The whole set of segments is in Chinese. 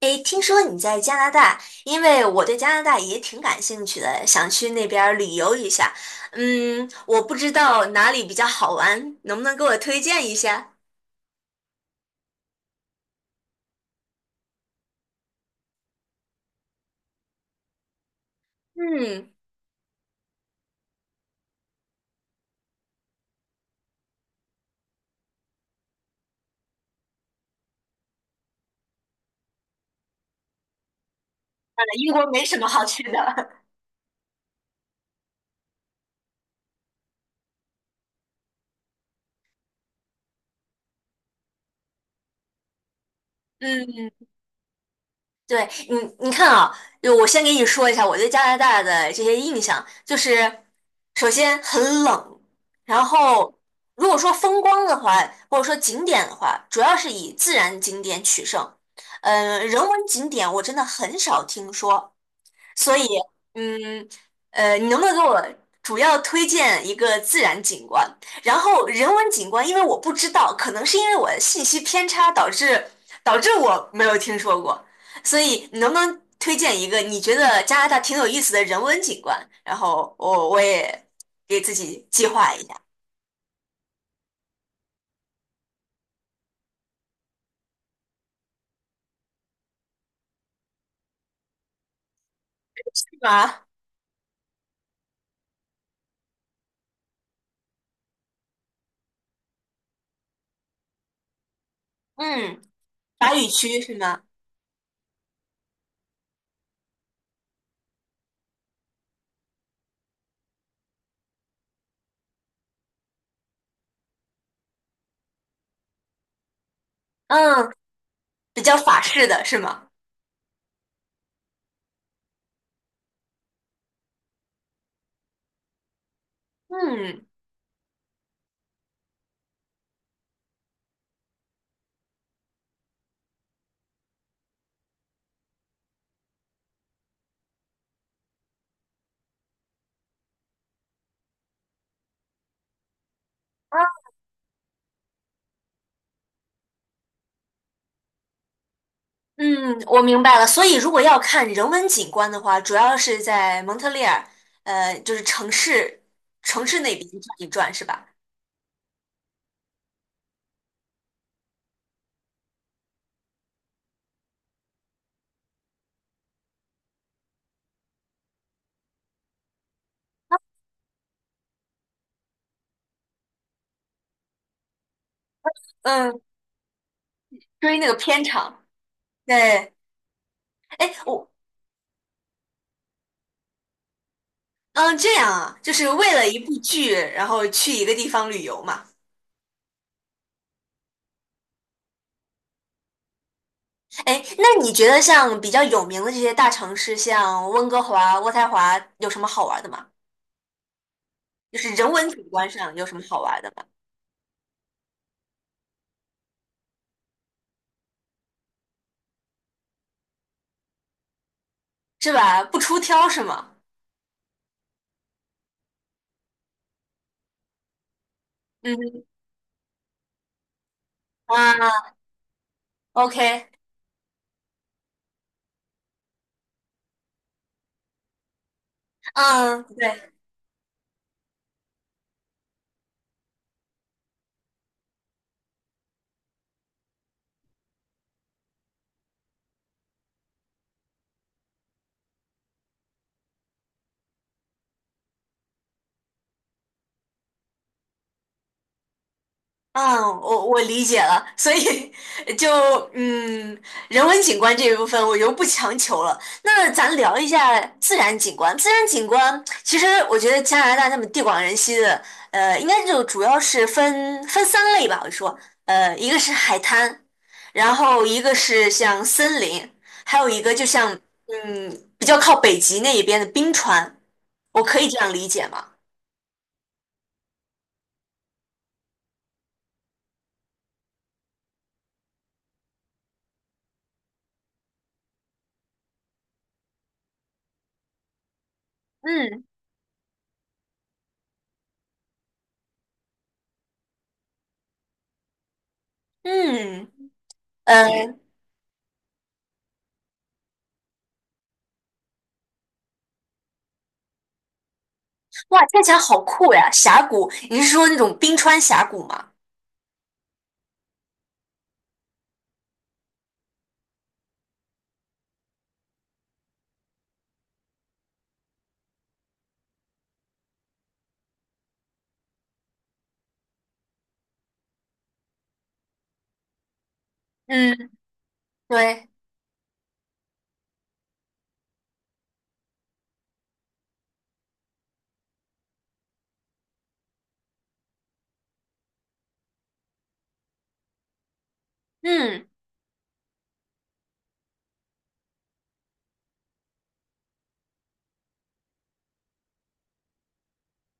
哎，听说你在加拿大，因为我对加拿大也挺感兴趣的，想去那边儿旅游一下。嗯，我不知道哪里比较好玩，能不能给我推荐一下？嗯，英国没什么好去的。嗯对你，你看啊，就我先给你说一下我对加拿大的这些印象，就是首先很冷，然后如果说风光的话，或者说景点的话，主要是以自然景点取胜。嗯、人文景点我真的很少听说，所以，嗯，你能不能给我主要推荐一个自然景观？然后人文景观，因为我不知道，可能是因为我的信息偏差导致我没有听说过，所以你能不能推荐一个你觉得加拿大挺有意思的人文景观？然后我也给自己计划一下，是吗？嗯，法语区是吗？嗯，比较法式的是吗？嗯，啊。嗯，我明白了。所以，如果要看人文景观的话，主要是在蒙特利尔，就是城市那边转一转，是吧？嗯，追那个片场。对，哎，我嗯，这样啊，就是为了一部剧，然后去一个地方旅游嘛。哎，那你觉得像比较有名的这些大城市，像温哥华、渥太华，有什么好玩的吗？就是人文景观上有什么好玩的吗？是吧？不出挑是吗？嗯啊，OK，嗯，对。嗯，我理解了，所以 就嗯，人文景观这一部分我就不强求了。那咱聊一下自然景观。自然景观其实我觉得加拿大那么地广人稀的，呃，应该就主要是分三类吧。我说，呃，一个是海滩，然后一个是像森林，还有一个就像嗯比较靠北极那一边的冰川。我可以这样理解吗？嗯嗯，呃哇，听起来好酷呀！峡谷，你是说那种冰川峡谷吗？嗯，对，嗯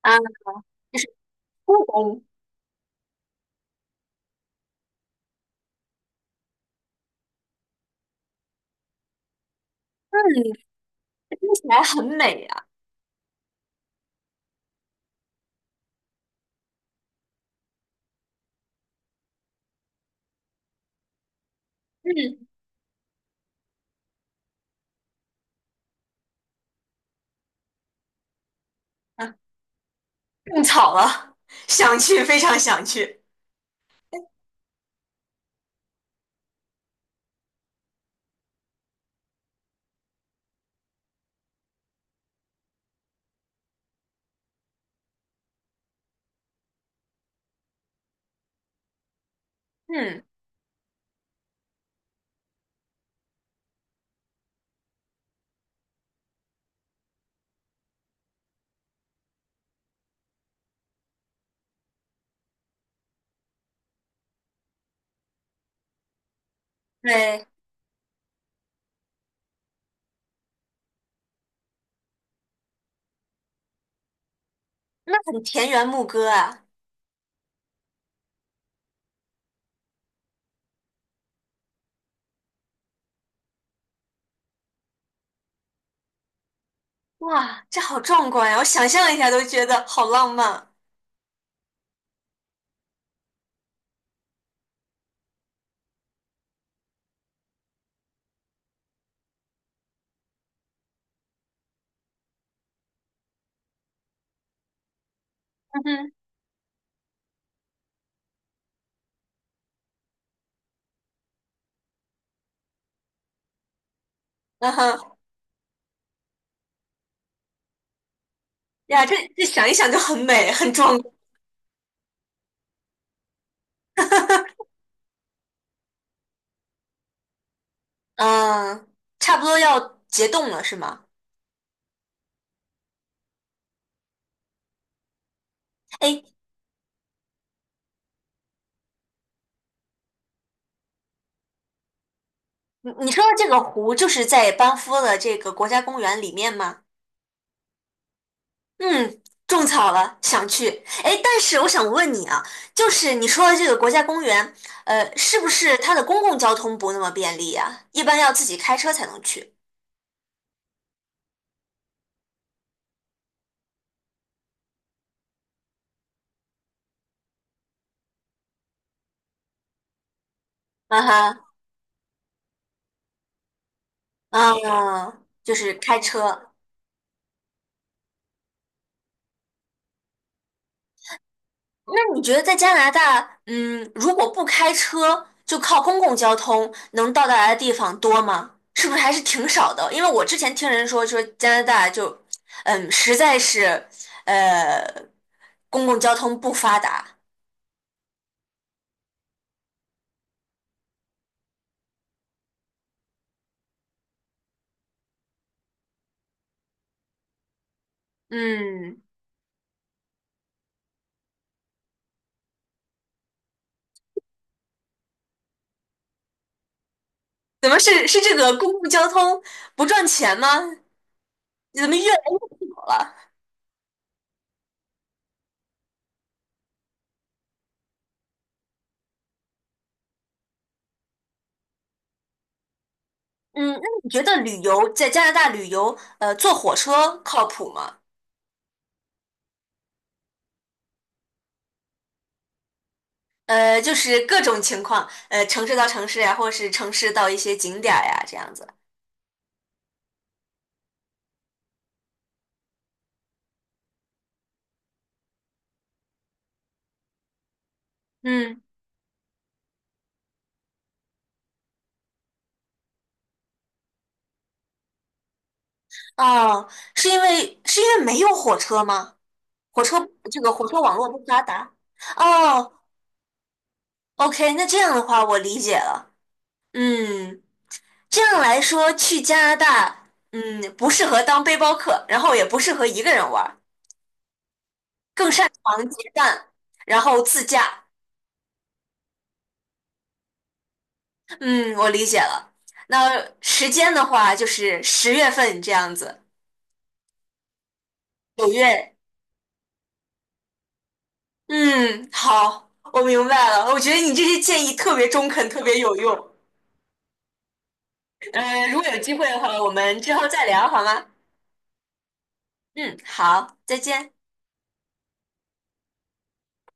啊，就是故宫嗯，听起来很美呀。嗯啊，种草了，想去，非常想去。嗯，对，那很田园牧歌啊。哇，这好壮观呀！我想象一下都觉得好浪漫。嗯哼，嗯哼，呀，这这想一想就很美，很壮观嗯，差不多要结冻了是吗？哎，你你说的这个湖就是在班夫的这个国家公园里面吗？嗯，种草了，想去。哎，但是我想问你啊，就是你说的这个国家公园，呃，是不是它的公共交通不那么便利呀？一般要自己开车才能去。啊哈，啊，就是开车。那你觉得在加拿大，嗯，如果不开车，就靠公共交通能到达的地方多吗？是不是还是挺少的？因为我之前听人说，说加拿大就，嗯，实在是，呃，公共交通不发达。嗯，怎么是这个公共交通不赚钱吗？怎么越来越少了？嗯，那你觉得旅游在加拿大旅游，呃，坐火车靠谱吗？呃，就是各种情况，呃，城市到城市呀，或是城市到一些景点儿呀，这样子。嗯，哦，是因为没有火车吗？火车这个火车网络不发达。哦，OK，那这样的话我理解了。嗯，这样来说，去加拿大，嗯，不适合当背包客，然后也不适合一个人玩儿更擅长结伴，然后自驾。嗯，我理解了。那时间的话，就是十月份这样子，九月嗯，好，我明白了。我觉得你这些建议特别中肯，特别有用。呃，如果有机会的话，我们之后再聊好吗？嗯，好，再见。